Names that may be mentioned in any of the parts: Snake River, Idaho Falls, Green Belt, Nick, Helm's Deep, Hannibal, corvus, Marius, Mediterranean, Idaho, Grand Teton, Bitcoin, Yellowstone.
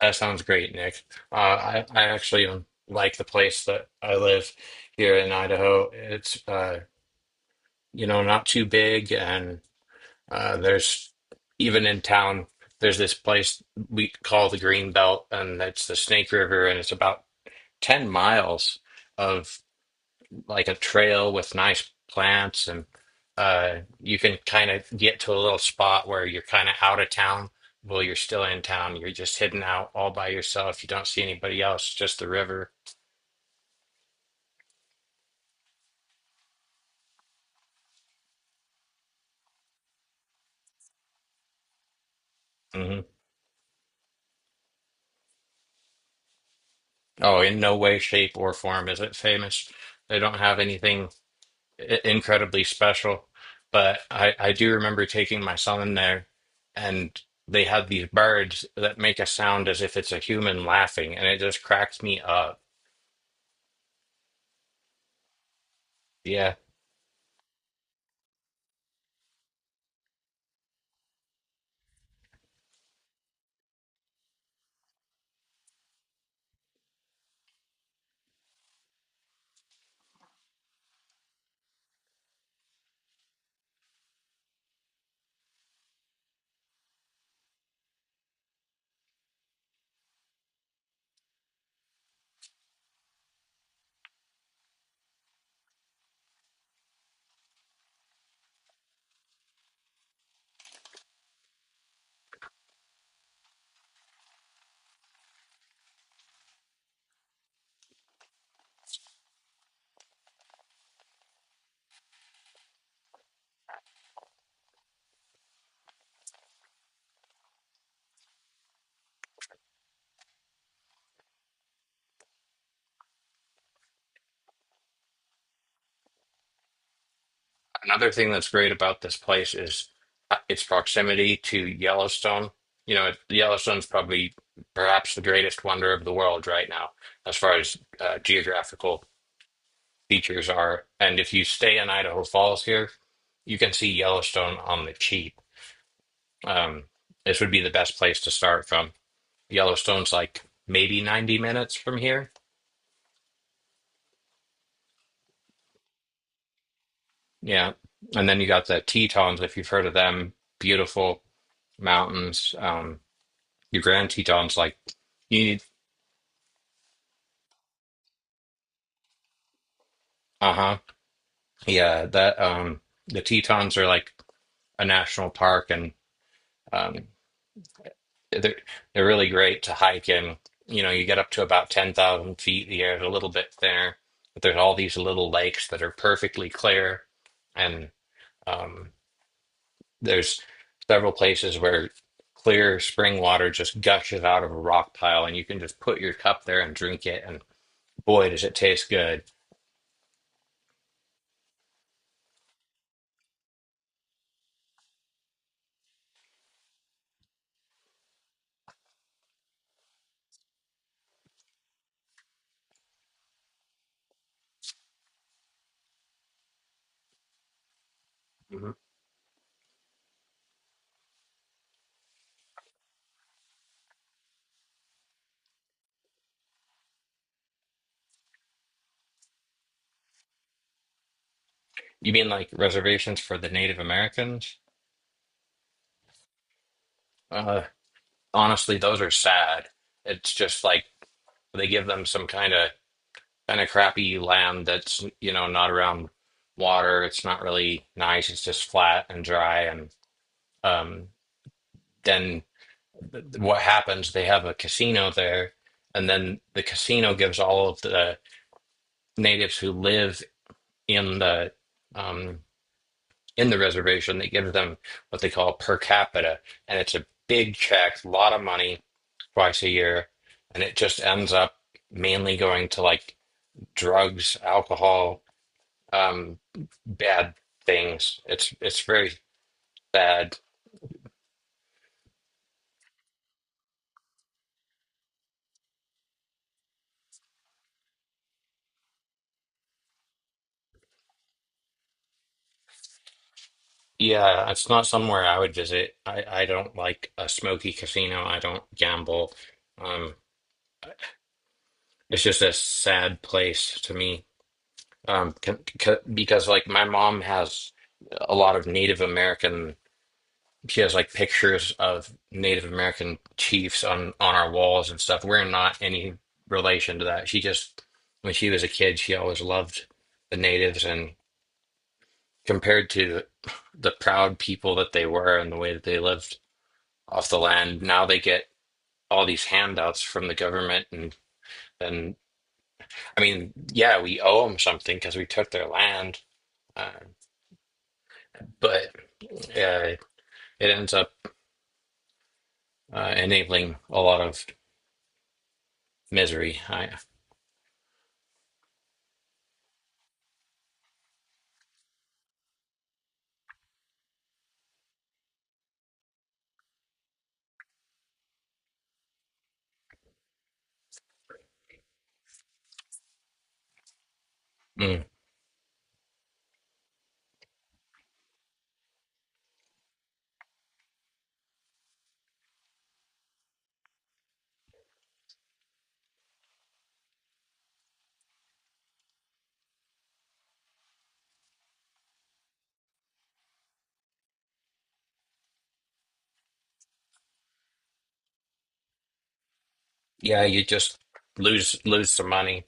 That sounds great, Nick. I actually like the place that I live here in Idaho. It's not too big, and there's, even in town, there's this place we call the Green Belt, and it's the Snake River, and it's about 10 miles of, like, a trail with nice plants. And you can kind of get to a little spot where you're kind of out of town. Well, you're still in town, you're just hidden out all by yourself. You don't see anybody else, just the river. Hmm. Oh, in no way, shape, or form is it famous. They don't have anything incredibly special, but I do remember taking my son there, and they had these birds that make a sound as if it's a human laughing, and it just cracked me up. Yeah. Another thing that's great about this place is its proximity to Yellowstone. You know, it- Yellowstone's probably perhaps the greatest wonder of the world right now, as far as geographical features are. And if you stay in Idaho Falls here, you can see Yellowstone on the cheap. Um, this would be the best place to start from. Yellowstone's like maybe 90 minutes from here. Yeah. And then you got the Tetons, if you've heard of them, beautiful mountains. Your Grand Teton's like you need. Uh-huh. Yeah, that The Tetons are like a national park, and um they're they're really great to hike in. You know, you get up to about 10,000 feet, the air's a little bit thinner, but there's all these little lakes that are perfectly clear. And um there's several places where clear spring water just gushes out of a rock pile, and you can just put your cup there and drink it, and boy does it taste good. You mean like reservations for the Native Americans? Uh, Honestly, those are sad. It's just like they give them some kind of crappy land that's, you know, not around water. It's not really nice. It's just flat and dry. And um, then what happens? They have a casino there, and then the casino gives all of the natives who live in the um, in the reservation. They give them what they call per capita, and it's a big check, a lot of money twice a year, and it just ends up mainly going to, like, drugs, alcohol, um, bad things. It's very sad. Yeah, it's not somewhere I would visit. I don't like a smoky casino. I don't gamble. Um, it's just a sad place to me. C c Because like my mom has a lot of Native American, she has like pictures of Native American chiefs on our walls and stuff. We're not any relation to that. She just, when she was a kid, she always loved the natives, and compared to the proud people that they were and the way that they lived off the land, now they get all these handouts from the government, and I mean, yeah, we owe them something because we took their land, uh, but it ends up enabling a lot of misery. I. Mm. Yeah, you just lose some money.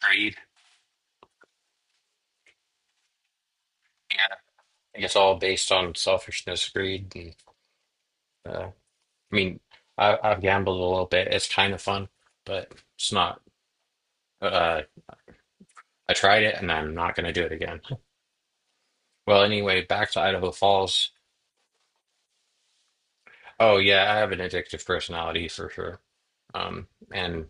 Greed. Yeah. It's all based on selfishness, greed, and uh, I mean, I've gambled a little bit. It's kind of fun, but it's not. Uh, I tried it, and I'm not going to do it again. Well, anyway, back to Idaho Falls. Oh yeah, I have an addictive personality for sure. Um, and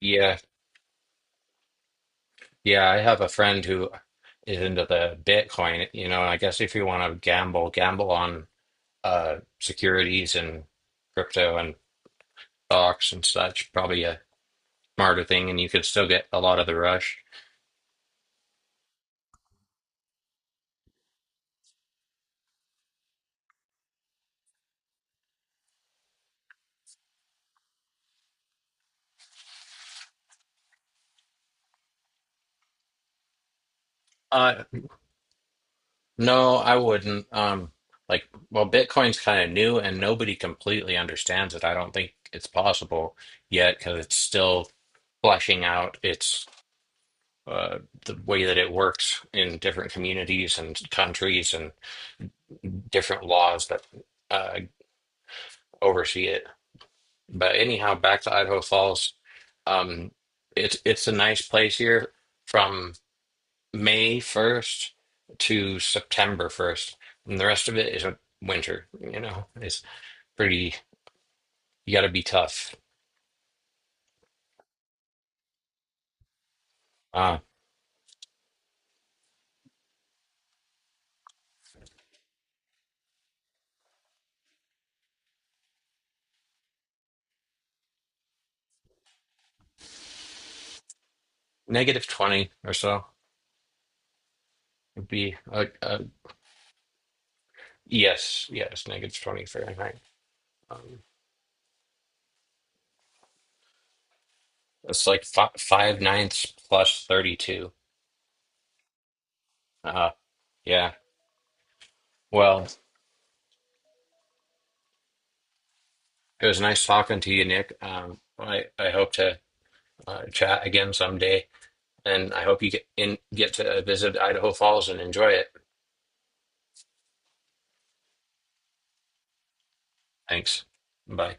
Yeah, yeah, I have a friend who is into the Bitcoin, you know, and I guess if you want to gamble, gamble on securities and crypto and stocks and such. Probably a smarter thing, and you could still get a lot of the rush. Uh, no, I wouldn't. Like, well, Bitcoin's kind of new, and nobody completely understands it. I don't think it's possible yet because it's still fleshing out its uh, the way that it works in different communities and countries and different laws that uh, oversee it. But anyhow, back to Idaho Falls. Um, it's a nice place here from May 1st to September 1st. And the rest of it is a winter. You know, it's pretty, you got to be tough. Uh, Negative 20 or so would be. Yes, yes, negative 20 Fahrenheit. Um, it's like fi five ninths plus 32. Uh, yeah. Well, it was nice talking to you, Nick. I hope to chat again someday, and I hope you get in, get to visit Idaho Falls and enjoy it. Thanks. Bye.